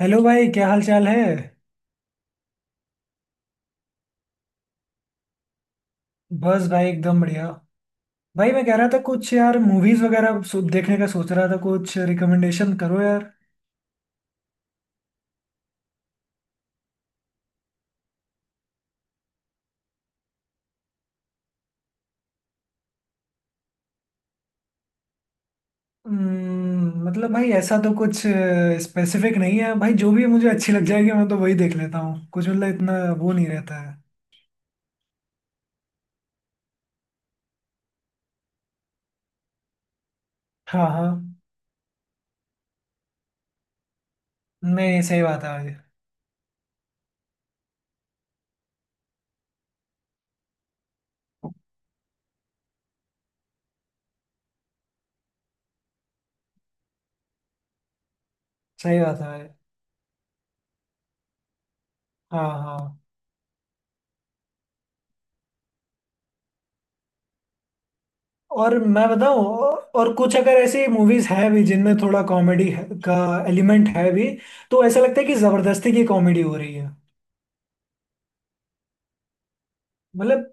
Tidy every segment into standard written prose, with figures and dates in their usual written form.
Hello भाई, क्या हाल चाल है। बस भाई एकदम बढ़िया। भाई, मैं कह रहा था कुछ, यार मूवीज वगैरह देखने का सोच रहा था, कुछ रिकमेंडेशन करो यार। मतलब भाई ऐसा तो कुछ स्पेसिफिक नहीं है भाई। जो भी मुझे अच्छी लग जाएगी मैं तो वही देख लेता हूँ, कुछ मतलब इतना वो नहीं रहता है। हाँ हाँ। नहीं सही बात है भाई। सही बात है भाई। हाँ हाँ। और मैं बताऊँ। और कुछ अगर ऐसी मूवीज हैं भी जिनमें थोड़ा कॉमेडी का एलिमेंट है भी तो ऐसा लगता है कि जबरदस्ती की कॉमेडी हो रही है। मतलब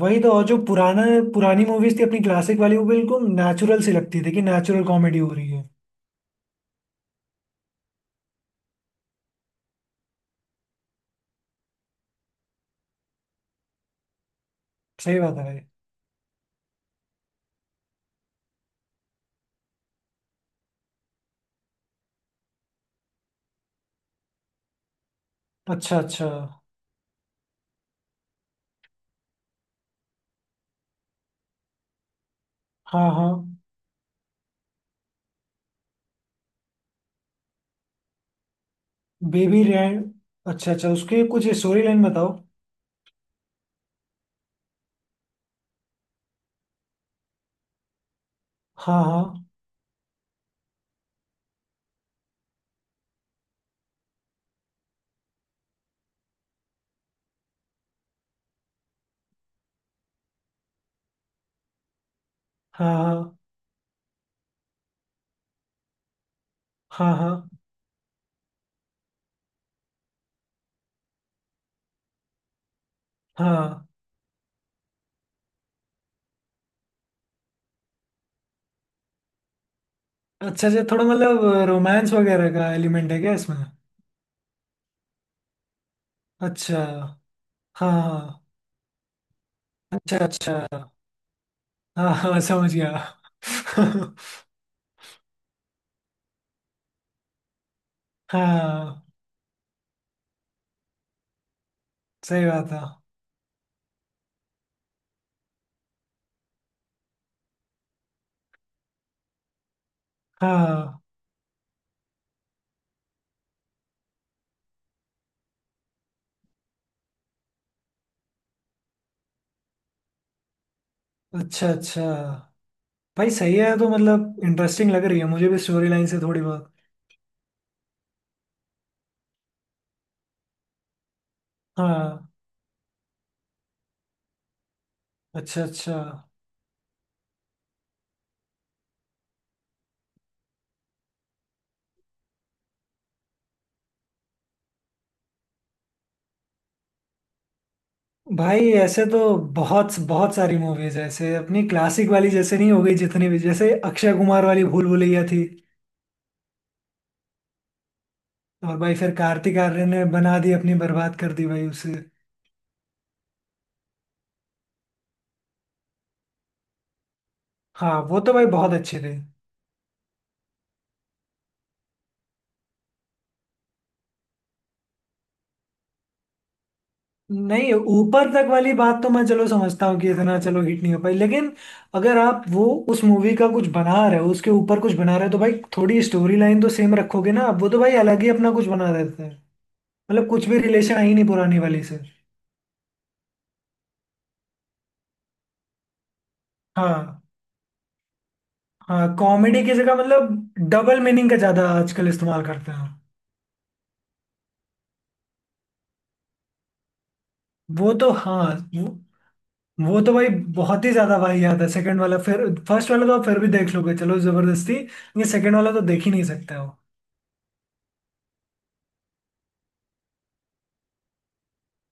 वही तो। और जो पुराना पुरानी मूवीज थी अपनी क्लासिक वाली, वो बिल्कुल नेचुरल सी लगती थी कि नेचुरल कॉमेडी हो रही है। सही बात है भाई। अच्छा अच्छा। हाँ हाँ। Baby Rand. अच्छा अच्छा, उसके कुछ स्टोरी लाइन बताओ। हाँ हाँ हाँ हाँ हाँ हाँ हाँ। अच्छा अच्छा, थोड़ा मतलब रोमांस वगैरह का एलिमेंट है क्या इसमें। अच्छा। हाँ हाँ। अच्छा अच्छा। हाँ हाँ समझ गया। हाँ सही बात है। हाँ। अच्छा अच्छा। भाई सही है तो, मतलब इंटरेस्टिंग लग रही है मुझे भी स्टोरी लाइन से थोड़ी बहुत। हाँ। अच्छा अच्छा। भाई ऐसे तो बहुत बहुत सारी मूवीज है ऐसे अपनी क्लासिक वाली, जैसे नहीं हो गई जितनी भी, जैसे अक्षय कुमार वाली भूल भुलैया थी। और भाई फिर कार्तिक आर्यन ने बना दी अपनी, बर्बाद कर दी भाई उसे। हाँ वो तो भाई बहुत अच्छी थी। नहीं, ऊपर तक वाली बात तो मैं चलो समझता हूँ कि इतना चलो हिट नहीं हो पाई, लेकिन अगर आप वो उस मूवी का कुछ बना रहे हो, उसके ऊपर कुछ बना रहे हो तो भाई थोड़ी स्टोरी लाइन तो सेम रखोगे ना आप। वो तो भाई अलग ही अपना कुछ बना देते हैं। मतलब कुछ भी रिलेशन आई नहीं पुरानी वाली से। हाँ हाँ, कॉमेडी की जगह मतलब डबल मीनिंग का ज्यादा आजकल इस्तेमाल करते हैं। वो तो हाँ। वो वो तो भाई बहुत ही ज्यादा भाई, याद है सेकंड वाला। फिर फर्स्ट वाला तो आप फिर भी देख लोगे चलो जबरदस्ती, ये सेकंड वाला तो देख ही नहीं सकते हो।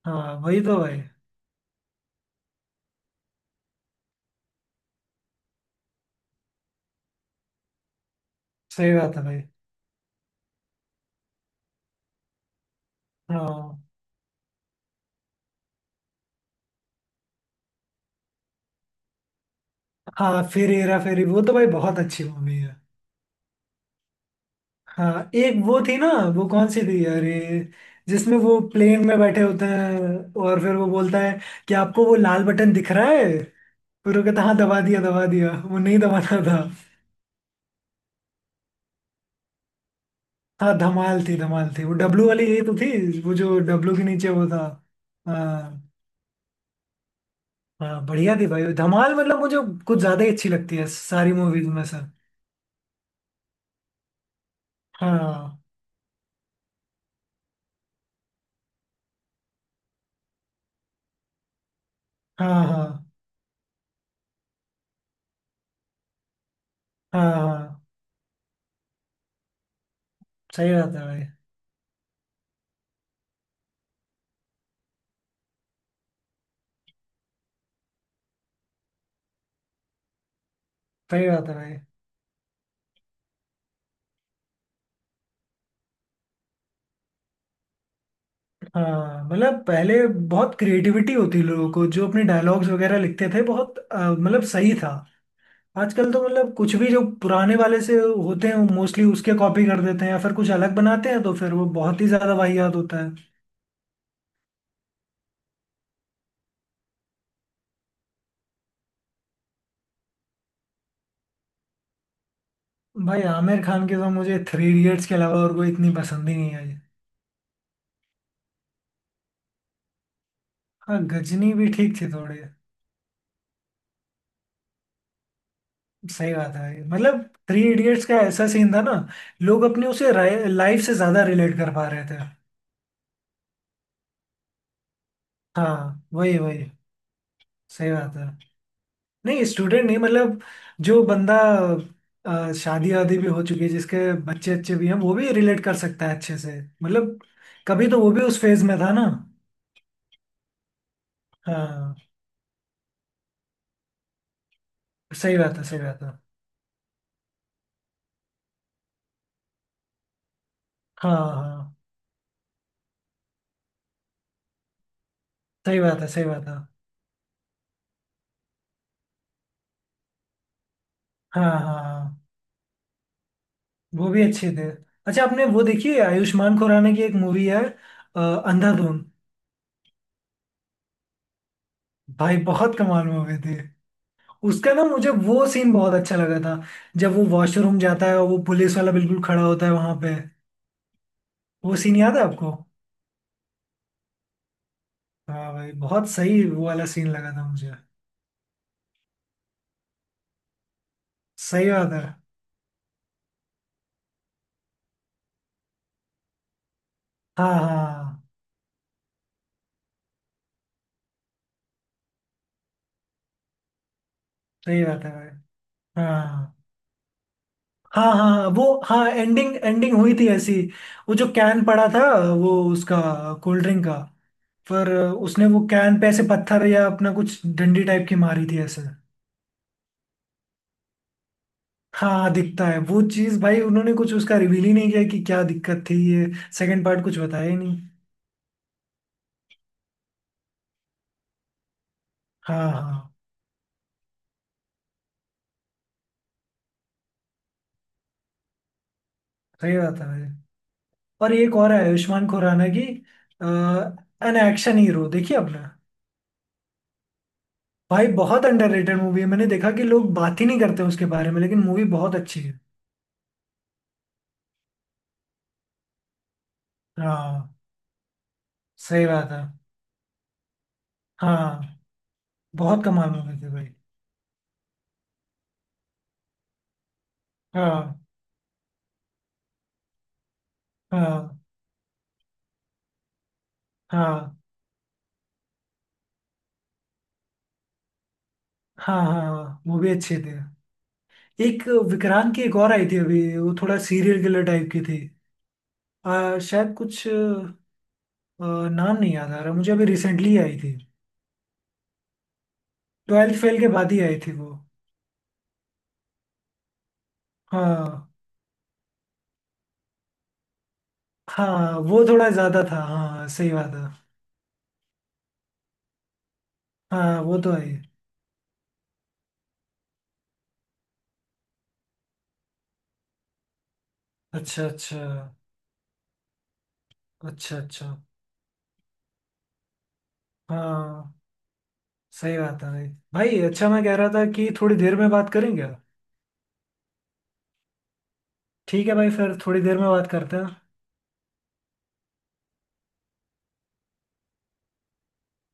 हाँ वही तो भाई। सही बात है भाई। हाँ हाँ फिर हेरा फेरी वो तो भाई बहुत अच्छी मूवी है। हाँ एक वो थी ना, वो कौन सी थी अरे, जिसमें वो प्लेन में बैठे होते हैं और फिर वो बोलता है कि आपको वो लाल बटन दिख रहा है, फिर वो कहता है, हाँ दबा दिया दबा दिया, वो नहीं दबाना था। हाँ धमाल थी, धमाल थी वो डब्लू वाली, यही तो थी वो जो डब्लू के नीचे वो था। हाँ हाँ बढ़िया थी भाई धमाल, मतलब मुझे कुछ ज्यादा ही अच्छी लगती है सारी मूवीज में से। हाँ हाँ हाँ हाँ हाँ। सही बात है भाई। सही बात है भाई। हाँ मतलब पहले बहुत क्रिएटिविटी होती लोगों को, जो अपने डायलॉग्स वगैरह लिखते थे बहुत, मतलब सही था। आजकल तो मतलब कुछ भी, जो पुराने वाले से होते हैं मोस्टली उसके कॉपी कर देते हैं या फिर कुछ अलग बनाते हैं तो फिर वो बहुत ही ज्यादा वाहियात होता है। भाई आमिर खान के तो मुझे थ्री इडियट्स के अलावा और कोई इतनी पसंद ही नहीं आई। हाँ गजनी भी ठीक थी थोड़ी। सही बात है भाई, मतलब थ्री इडियट्स का ऐसा सीन था ना, लोग अपने उसे लाइफ से ज्यादा रिलेट कर पा रहे थे। हाँ वही वही। सही बात है। नहीं स्टूडेंट नहीं मतलब, जो बंदा शादी वादी भी हो चुकी है जिसके बच्चे अच्छे भी हैं, वो भी रिलेट कर सकता है अच्छे से मतलब, कभी तो वो भी उस फेज में था ना। हाँ सही बात है, सही बात है। हाँ हाँ सही बात है सही बात है। हाँ हाँ हाँ। वो भी अच्छे थे। अच्छा, आपने वो देखी है आयुष्मान खुराना की एक मूवी है, अंधाधुन। भाई बहुत कमाल मूवी थी। उसका ना मुझे वो सीन बहुत अच्छा लगा था जब वो वॉशरूम जाता है और वो पुलिस वाला बिल्कुल खड़ा होता है वहां पे। वो सीन याद है आपको। हाँ भाई बहुत सही वो वाला सीन लगा था मुझे। सही बात है। हाँ हाँ हाँ, सही बात है भाई। हाँ हाँ हाँ हाँ, वो हाँ एंडिंग एंडिंग हुई थी ऐसी, वो जो कैन पड़ा था, वो उसका कोल्ड ड्रिंक का, पर उसने वो कैन पे ऐसे पत्थर या अपना कुछ डंडी टाइप की मारी थी ऐसे। हाँ दिखता है वो चीज़ भाई, उन्होंने कुछ उसका रिवील ही नहीं किया कि क्या दिक्कत थी ये, सेकंड पार्ट कुछ बताया ही नहीं। हाँ हाँ सही बात है भाई। और एक और है आयुष्मान खुराना की, अ, एन एक्शन हीरो देखिए आपने। भाई बहुत अंडररेटेड मूवी है, मैंने देखा कि लोग बात ही नहीं करते उसके बारे में, लेकिन मूवी बहुत अच्छी है। हाँ सही बात है। हाँ बहुत कमाल मूवी थी भाई। हाँ हाँ हाँ हाँ हाँ मूवी अच्छी थी। एक विक्रांत की एक और आई थी अभी, वो थोड़ा सीरियल किलर टाइप की थी, शायद कुछ नाम नहीं याद आ रहा मुझे, अभी रिसेंटली आई थी। ट्वेल्थ फेल के बाद ही आई थी वो। हाँ हाँ वो थोड़ा ज्यादा था, हाँ सही बात है। हाँ वो तो आई। अच्छा अच्छा। अच्छा अच्छा। हाँ सही बात है भाई। भाई अच्छा, मैं कह रहा था कि थोड़ी देर में बात करेंगे। ठीक है भाई, फिर थोड़ी देर में बात करते हैं।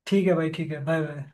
ठीक है भाई, ठीक है, बाय बाय।